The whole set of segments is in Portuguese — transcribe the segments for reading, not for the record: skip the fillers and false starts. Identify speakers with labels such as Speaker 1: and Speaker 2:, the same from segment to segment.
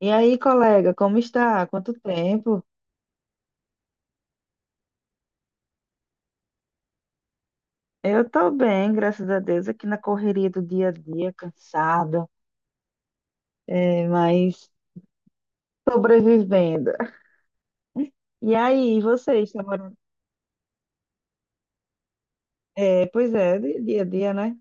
Speaker 1: E aí, colega, como está? Quanto tempo? Eu estou bem, graças a Deus, aqui na correria do dia a dia, cansada, mas sobrevivendo. E aí, vocês estão morando? É, pois é, dia a dia, né?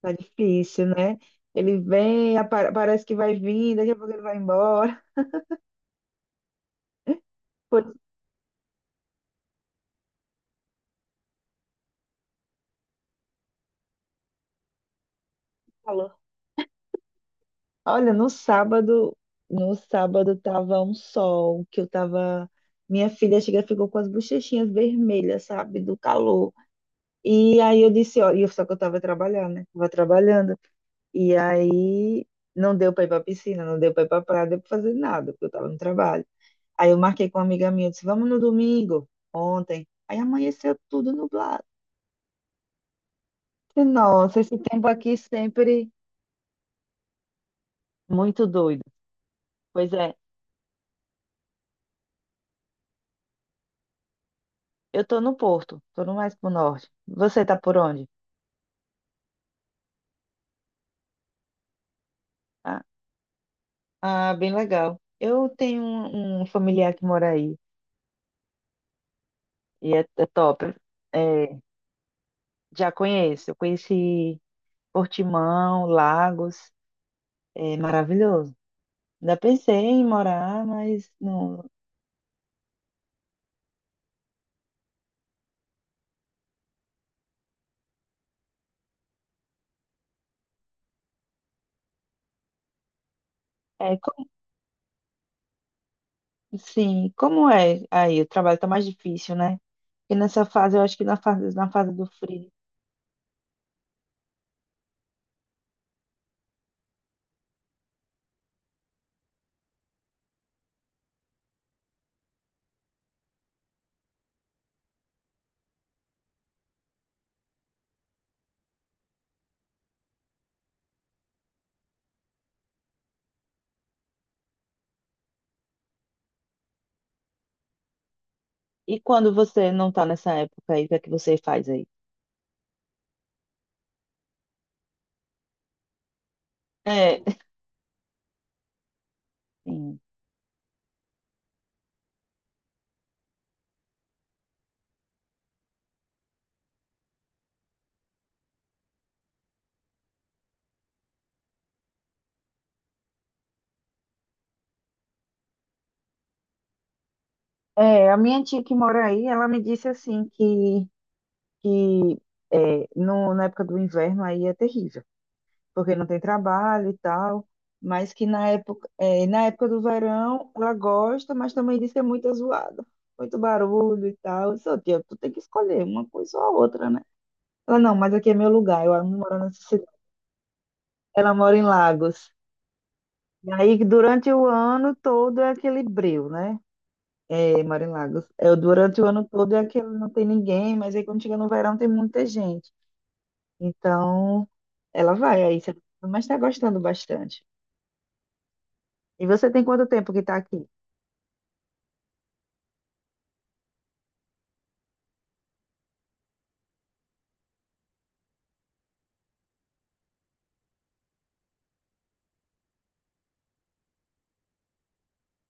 Speaker 1: Tá difícil, né? Ele vem, parece que vai vir, daqui a pouco ele vai embora. Pois falou. Olha, no sábado, no sábado tava um sol, que eu tava. Minha filha chega, ficou com as bochechinhas vermelhas, sabe? Do calor. E aí eu disse, ó, só que eu estava trabalhando, né? Estava trabalhando. E aí não deu para ir para a piscina, não deu para ir para a praia, não deu para fazer nada, porque eu estava no trabalho. Aí eu marquei com uma amiga minha, eu disse, vamos no domingo, ontem. Aí amanheceu tudo nublado. E, nossa, esse tempo aqui sempre muito doido. Pois é, eu tô no Porto, tô no mais pro norte. Você tá por onde? Ah, ah, bem legal. Eu tenho um familiar que mora aí, e é, é top. É, já conheço, eu conheci Portimão, Lagos, é maravilhoso. Ainda pensei em morar, mas não. É, como, sim, como é aí? O trabalho tá mais difícil, né? E nessa fase, eu acho que na fase do frio. E quando você não tá nessa época aí, o que é que você faz aí? É, sim. A minha tia que mora aí, ela me disse assim que é, no, na época do inverno aí é terrível. Porque não tem trabalho e tal, mas que na época do verão ela gosta, mas também diz que é muito zoada, muito barulho e tal. Eu disse, "Ô, tia, tu tem que escolher uma coisa ou a outra, né?" Ela, não, mas aqui é meu lugar, eu não moro nessa cidade. Ela mora em Lagos. E aí, durante o ano todo é aquele breu, né? É, mora em Lagos. É, durante o ano todo é aquele não tem ninguém, mas aí quando chega no verão tem muita gente. Então, ela vai aí, mas está gostando bastante. E você tem quanto tempo que está aqui?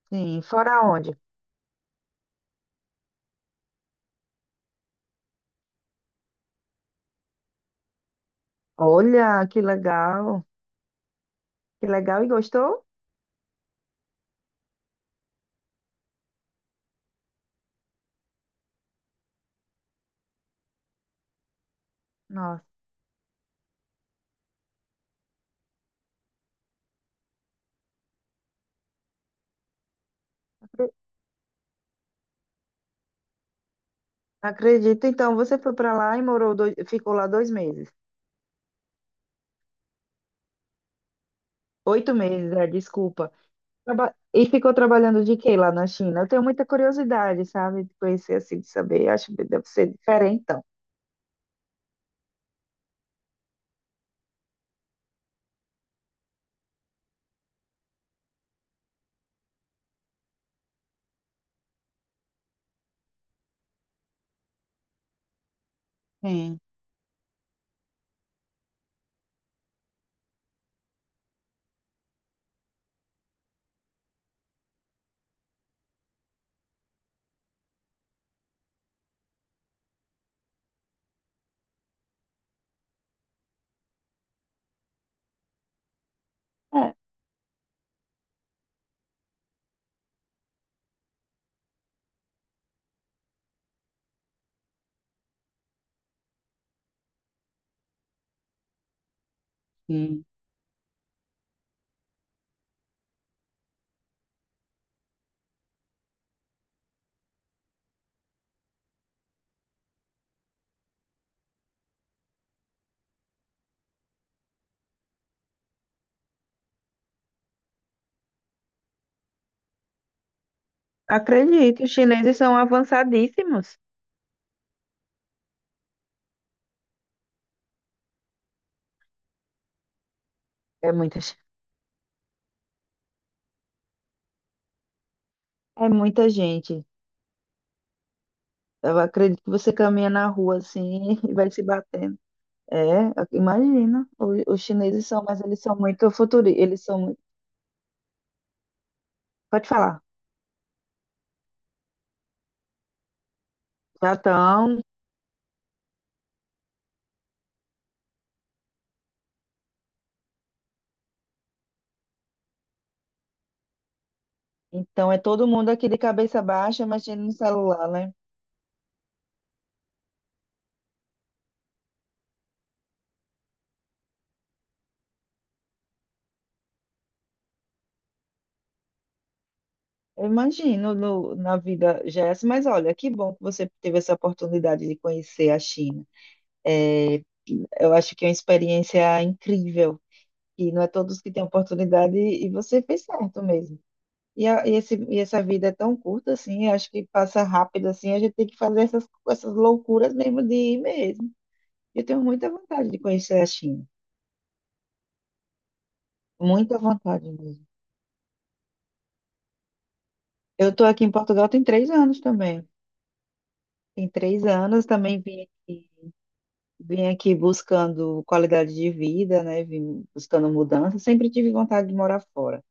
Speaker 1: Sim, fora onde? Olha, que legal. Que legal e gostou? Nossa, acre- acredito. Então, você foi para lá e morou dois, ficou lá dois meses. Oito meses, é, desculpa. E ficou trabalhando de quê lá na China? Eu tenho muita curiosidade, sabe? De conhecer assim, de saber. Acho que deve ser diferente, então. Sim. É, sim. Acredito. Os chineses são avançadíssimos. É muita, ge- É muita gente. Eu acredito que você caminha na rua assim e vai se batendo. É, imagina. Os chineses são, mas eles são muito futuristas. Eles são. Pode falar. Já estão. Então é todo mundo aqui de cabeça baixa, mexendo no celular, né? Eu imagino na vida, Jess, mas olha, que bom que você teve essa oportunidade de conhecer a China. Eu acho que é uma experiência incrível, e não é todos que têm oportunidade, e você fez certo mesmo. E, e essa vida é tão curta assim, eu acho que passa rápido assim, a gente tem que fazer essas loucuras mesmo de ir mesmo. Eu tenho muita vontade de conhecer a China. Muita vontade mesmo. Eu estou aqui em Portugal tem três anos também. Tem três anos também vim aqui buscando qualidade de vida, né? Vim buscando mudança. Sempre tive vontade de morar fora.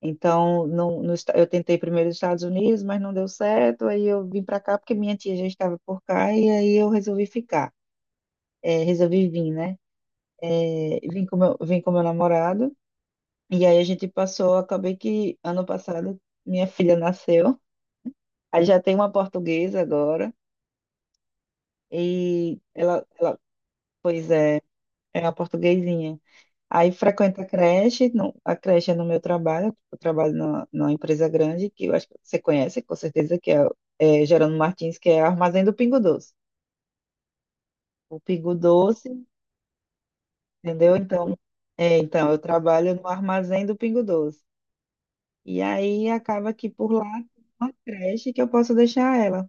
Speaker 1: Então, não, no esta- eu tentei primeiro nos Estados Unidos, mas não deu certo. Aí eu vim para cá porque minha tia já estava por cá e aí eu resolvi ficar. É, resolvi vir, né? É, vim com meu namorado. E aí a gente passou, acabei que ano passado minha filha nasceu. Aí já tem uma portuguesa agora. E ela, ela, pois é, é uma portuguesinha. Aí frequenta a creche, não, a creche é no meu trabalho, eu trabalho numa empresa grande, que eu acho que você conhece, com certeza, é Gerando Martins, que é Armazém do Pingo Doce. O Pingo Doce, entendeu? Então, então eu trabalho no Armazém do Pingo Doce. E aí acaba que por lá tem uma creche que eu posso deixar ela.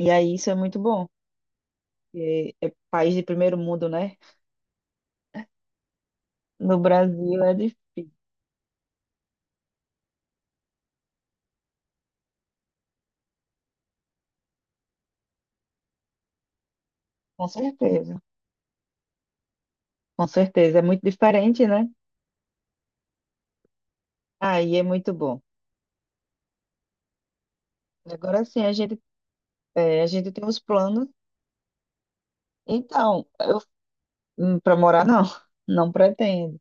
Speaker 1: E aí isso é muito bom, porque é país de primeiro mundo, né? No Brasil é difícil, com certeza, com certeza. É muito diferente, né? Aí é muito bom. Agora sim, a gente tem os planos. Então, eu para morar não, não pretendo.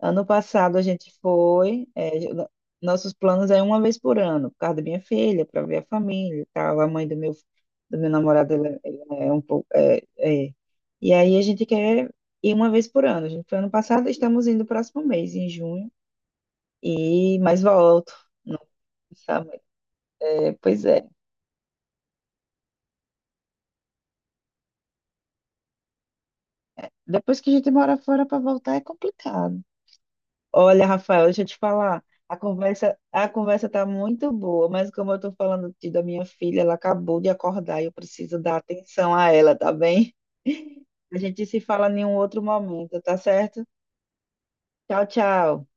Speaker 1: Ano passado a gente foi, é, jo- Nossos planos é uma vez por ano, por causa da minha filha, para ver a família e tal. A mãe do meu namorado, ela é um pouco. É, é. E aí a gente quer ir uma vez por ano. A gente foi ano passado, estamos indo no próximo mês, em junho, e mais volto. Não, sabe? É, pois é. Depois que a gente mora fora para voltar é complicado. Olha, Rafael, deixa eu te falar. A conversa tá muito boa, mas como eu tô falando da minha filha, ela acabou de acordar e eu preciso dar atenção a ela, tá bem? A gente se fala em um outro momento, tá certo? Tchau, tchau.